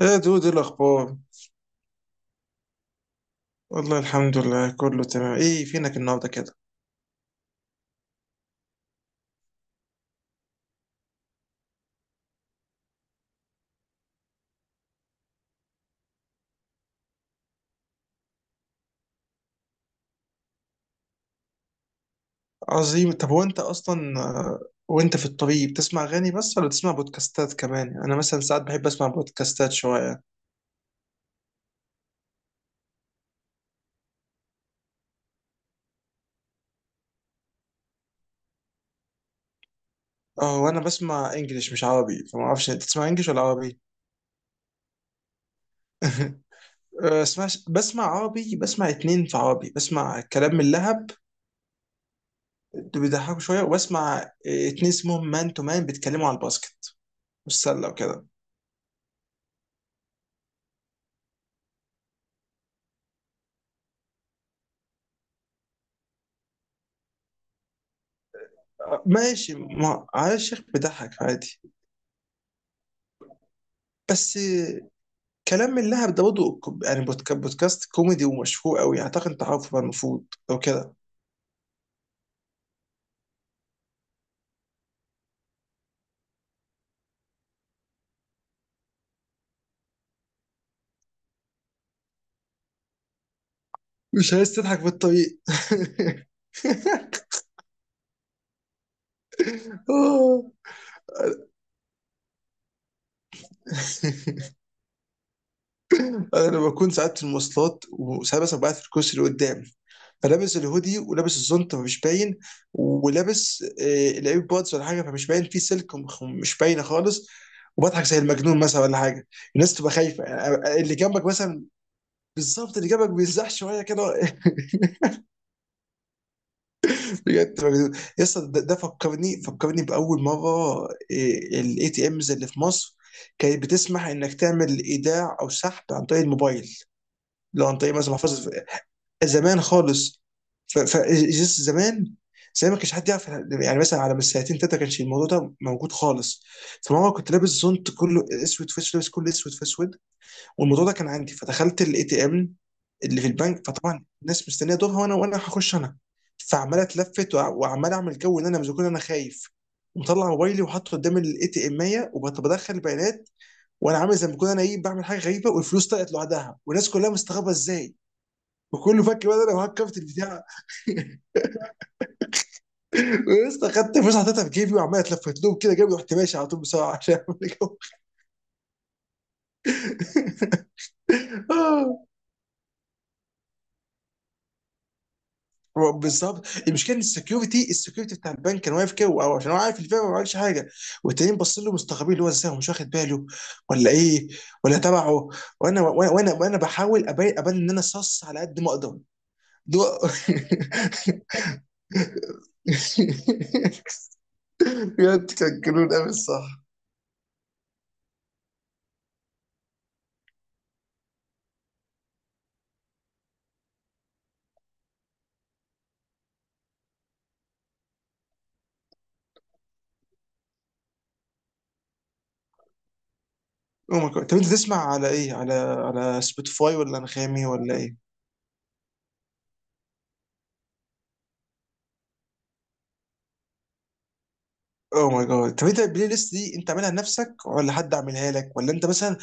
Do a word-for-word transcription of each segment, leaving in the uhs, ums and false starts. يا دود ايه الاخبار؟ والله الحمد لله كله تمام. ايه فينك النهارده كده؟ عظيم. طب هو انت اصلا آه، وانت في الطريق بتسمع اغاني بس ولا بتسمع بودكاستات كمان؟ يعني انا مثلا ساعات بحب اسمع بودكاستات شويه. اه، وانا بسمع انجليش مش عربي، فما اعرفش انت بتسمع انجليش ولا عربي. آه، اسمعش بسمع عربي، بسمع اتنين في عربي. بسمع كلام من لهب اللي بيضحكوا شويه، وبسمع آه، اتنين اسمهم مان تو مان بيتكلموا على الباسكت والسله وكده. آه، ماشي، ما على الشيخ بيضحك عادي. بس كلام من لهب ده برضه ك- يعني بودكا- بودكاست كوميدي ومشهور قوي، يعني اعتقد انت عارفه بقى المفروض. لو كده مش عايز تضحك في الطريق. آه. انا بكون ساعات في المواصلات، وساعات مثلا بقعد في الكرسي اللي قدام، فلابس الهودي ولابس الزنطة فمش باين، ولابس آه، الاير بودز ولا حاجة فمش باين في سلك ومخ- مش باينة خالص، وبضحك زي المجنون مثلا ولا حاجة. الناس تبقى خايفة، يعني اللي جنبك مثلا. بالظبط، اللي جنبك بيزحش شوية كده. بجد بجد. يا اسطى ده ده فكرني فكرني باول مره. الاي تي امز اللي في مصر كانت بتسمح انك تعمل ايداع او سحب عن طريق الموبايل، لو عن طريق مثلا محفظه. زمان خالص. ف ف جس- زمان زي ما كانش حد يعرف، يعني مثلا على من سنتين تلاته كانش الموضوع ده موجود خالص. فماما كنت لابس زونت كله اسود في اسود، لابس كله اسود في اسود، والموضوع ده كان عندي، فدخلت الاي تي ام اللي في البنك. فطبعا الناس مستنيه دورها، وانا وانا هخش انا. فعمال اتلفت وع- وعمال اعمل جو ان انا مش كون انا خايف، ومطلع موبايلي وحاطه قدام الاي تي ام وبدخل البيانات. وانا عامل زي ما بكون انا ايه، بعمل حاجه غريبه، والفلوس طلعت لوحدها والناس كلها مستغربه ازاي، وكله فاكر بقى إن انا هكفت البتاع. ولسه خدت فلوس حطيتها في جيبي وعمال اتلفت لهم كده جيبي، رحت ماشي على طول بسرعه عشان أعمل جو. هو بالظبط المشكله ان السكيورتي السكيورتي بتاع البنك كان واقف كده، او عشان هو عارف الفيرا ما عملش حاجه. والتانيين باصين له مستغربين اللي هو ازاي هو مش واخد باله ولا ايه ولا تبعه. وانا وانا وانا, وأنا بحاول ابين ابان ان انا صص على قد ما اقدر. دو... بجد كان جنون قوي الصح. او ماي جاد، طب انت تسمع على ايه، على على سبوتيفاي ولا انغامي ولا ايه؟ او ماي جاد، طب انت البلاي ليست دي انت عاملها لنفسك ولا حد عاملها لك، ولا انت مثلا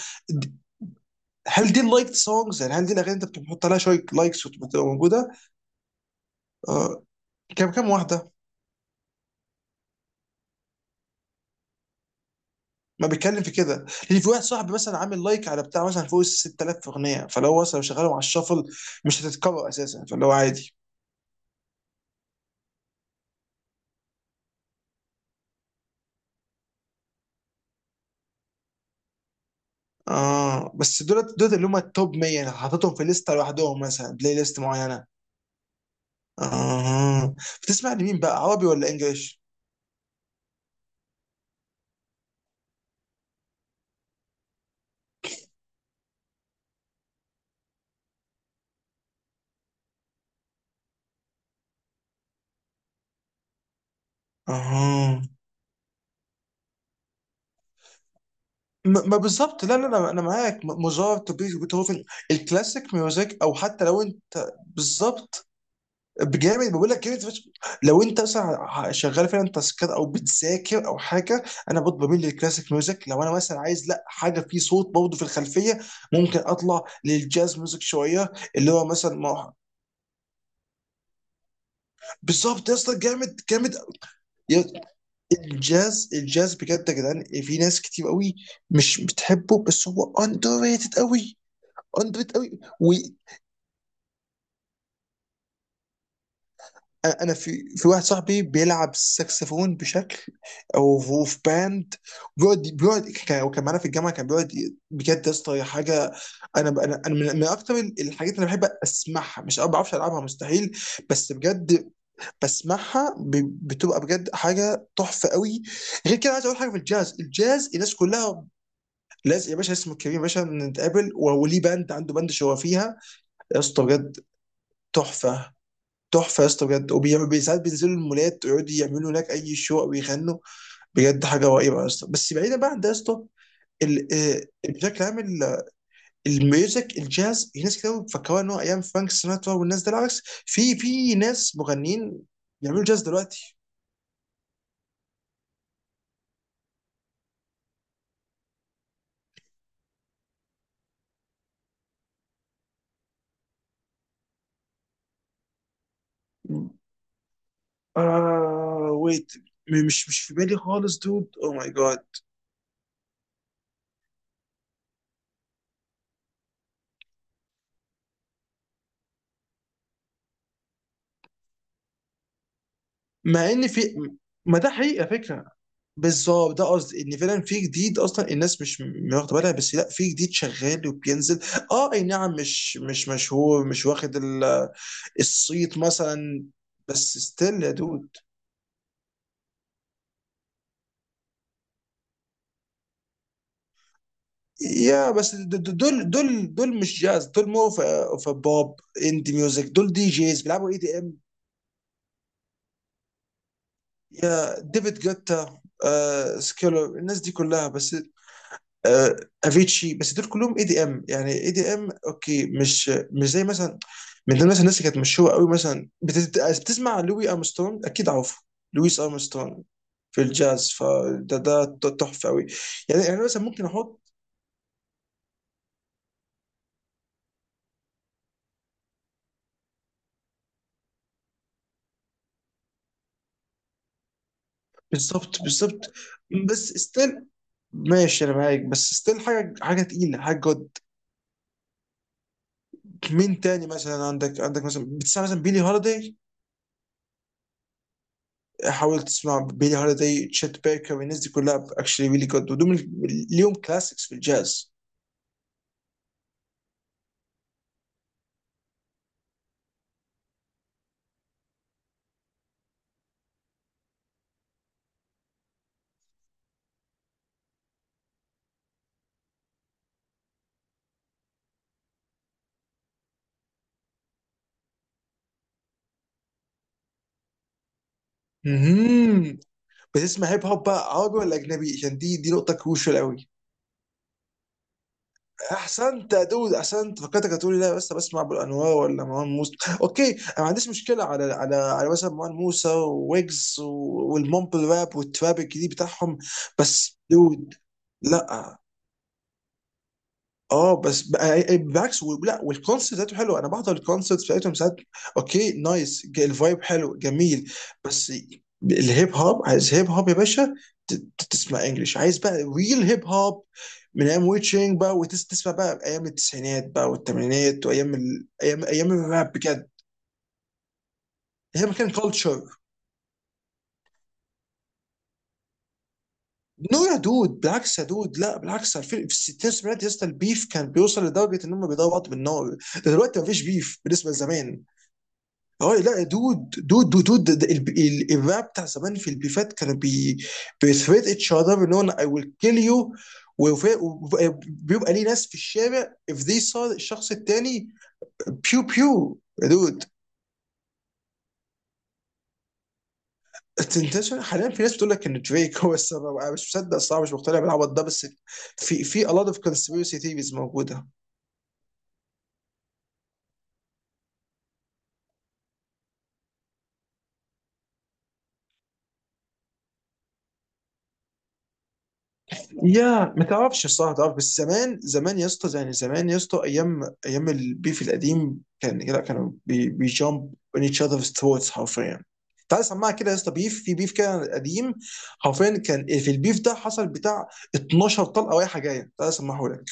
هل دي اللايك سونجز؟ يعني هل دي الاغاني انت بتحط عليها شويه لايكس وتبقى موجوده؟ آه. كم كم واحده؟ ما بيتكلم في كده. لان في واحد صاحبي مثلا عامل لايك على بتاع مثلا فوق ال ستة آلاف اغنيه، فلو مثلا لو شغالهم على الشفل مش هتتكرر اساسا، فاللي هو عادي. اه بس دول، دول اللي هم التوب ميه انا حاططهم في لسته لوحدهم، مثلا بلاي ليست معينه. اه. بتسمع لمين بقى، عربي ولا انجليش؟ اه م- ما بالظبط، لا لا لا انا معاك. م- موزارت، بيتهوفن، الكلاسيك ميوزك. او حتى لو انت بالظبط بجامد، بقول لك جامد فشخ. لو انت مثلا ه- شغال فعلا تاسكات او بتذاكر او حاجه، انا برضه بميل للكلاسيك ميوزك. لو انا مثلا عايز لا حاجه في صوت برضه في الخلفيه، ممكن اطلع للجاز ميوزك شويه، اللي هو مثلا ما. بالظبط يا اسطى، جامد جامد. يا-، الجاز الجاز بجد يا جدعان، في ناس كتير قوي مش بتحبه، بس هو اندر ريتد قوي. اندر ريتد قوي. انا أنا في في واحد صاحبي بيلعب ساكسفون بشكل، او هو في باند. بيقعد بيقعد كان، وكان معانا في الجامعه، كان بيقعد ي- بجد يا اسطى هي حاجه. انا ب- انا أنا من من اكتر الحاجات اللي أنا بحب اسمعها، مش ما بعرفش العبها مستحيل، بس بجد بسمعها ب- بتبقى بجد حاجه تحفه قوي. غير كده عايز اقول حاجه في الجاز، الجاز الناس كلها. لازم يا باشا، اسمه كريم يا باشا. نتقابل، وليه باند، عنده باند شو هو فيها. يا اسطى بجد، تحفه تحفه يا اسطى بجد. وبي- ساعات بينزلوا المولات ويقعدوا يعملوا هناك اي شو او يغنوا. بجد حاجه رهيبه يا اسطى. بس بعيدا بقى عن ده يا اسطى، ال- آه، بشكل عام ال- الميوزك الجاز، في ناس كتير أوي بيفكروها ان هو ايام فرانك سيناترا والناس ده. العكس، في في ناس مغنيين بيعملوا جاز دلوقتي. آه ويت، م- مش مش في بالي خالص دود، او ماي جاد. مع ان في، ما ده حقيقه فكره. بالظبط ده قصدي، ان فعلا في جديد، اصلا الناس مش م- واخده بالها، بس لا، في جديد شغال وبينزل. اه اي نعم، مش مش مشهور، مش واخد ال- الصيت مثلا. بس ستيل يا دود. يا بس د- د- دول دول دول مش جاز، دول مو اوف بوب، اندي ميوزك، دول دي جيز بيلعبوا اي دي ام. يا ديفيد جوتا، آه سكيلر، الناس دي كلها، بس آه، افيتشي. بس دول كلهم اي دي ام، يعني اي دي ام اوكي، مش مش زي مثلا من ضمن مثلا الناس اللي كانت مشهوره قوي، مثلا بتت- بتسمع لوي ارمسترونج، اكيد عارفه، لويس ارمسترونج في الجاز. فده ده ده تحفه قوي. يعني يعني مثلا ممكن احط. بالظبط بالظبط. بس ستيل، ماشي انا معاك، بس ستيل حاجه حاجه تقيله، حاجه جد. مين تاني مثلا عندك، عندك مثلا بتسمع مثلا بيلي هوليداي؟ حاول تسمع بيلي هوليداي، تشيت بيكر، الناس دي كلها اكشلي ريلي جود، ودول من-، ليهم كلاسيكس في الجاز. مهم. بتسمع هيب هوب بقى عربي ولا اجنبي؟ عشان دي دي نقطه كروشال قوي. احسنت يا دود احسنت. فكرتك هتقولي لا بس بسمع ابو الانوار ولا مروان موسى. اوكي، انا ما عنديش مشكله على على على مثلا مروان موسى وويجز والمومبل راب والتراب الجديد بتاعهم. بس دود، لا، اه بس ب- آه، آه، بالعكس و- لا، والكونسيبت ذاته حلو، انا بحضر الكونسيبت بتاعتهم ساعات، اوكي نايس، ج- الفايب حلو جميل. بس الهيب هوب عايز هيب هوب يا باشا، ت- ت- تسمع انجلش، عايز بقى ريل هيب هوب من ايام ويتشنج بقى، وتسمع بقى ايام التسعينات بقى والثمانينات وايام ال... ايام ايام الراب بجد. هي كان كلتشر. نو يا دود، بالعكس يا دود، لا بالعكس، في في الستينات والسبعينات يا اسطى، البيف كان بيوصل لدرجه ان هم بيضربوا بعض بالنار. ده دلوقتي مفيش بيف بالنسبه لزمان. اه لا دود دود دود دود ده- ال- ال- الراب بتاع زمان في البيفات كانوا بي، بيثريت اتش اذر ان انا اي ويل كيل يو. وبيبقى ليه ناس في الشارع if they saw الشخص التاني، بيو بيو يا دود. انت انت شو- حاليا في ناس بتقول لك ان دريك هو السبب، انا مش مصدق الصراحه، مش مقتنع بالعبط ده، بس في في a lot of conspiracy theories موجوده. يا ما تعرفش الصراحه تعرف. بس زمان، زمان يا اسطى، يعني زمان يا اسطى، ايام ايام البيف القديم كان لا، كانوا بي- بيجامب on each other's throats حرفيا. تعال سمعها كده يا اسطى، بيف في بيف كده قديم، حرفيا كان في البيف ده حصل بتاع اتناشر طلقه رايحه جايه. تعال سمعه.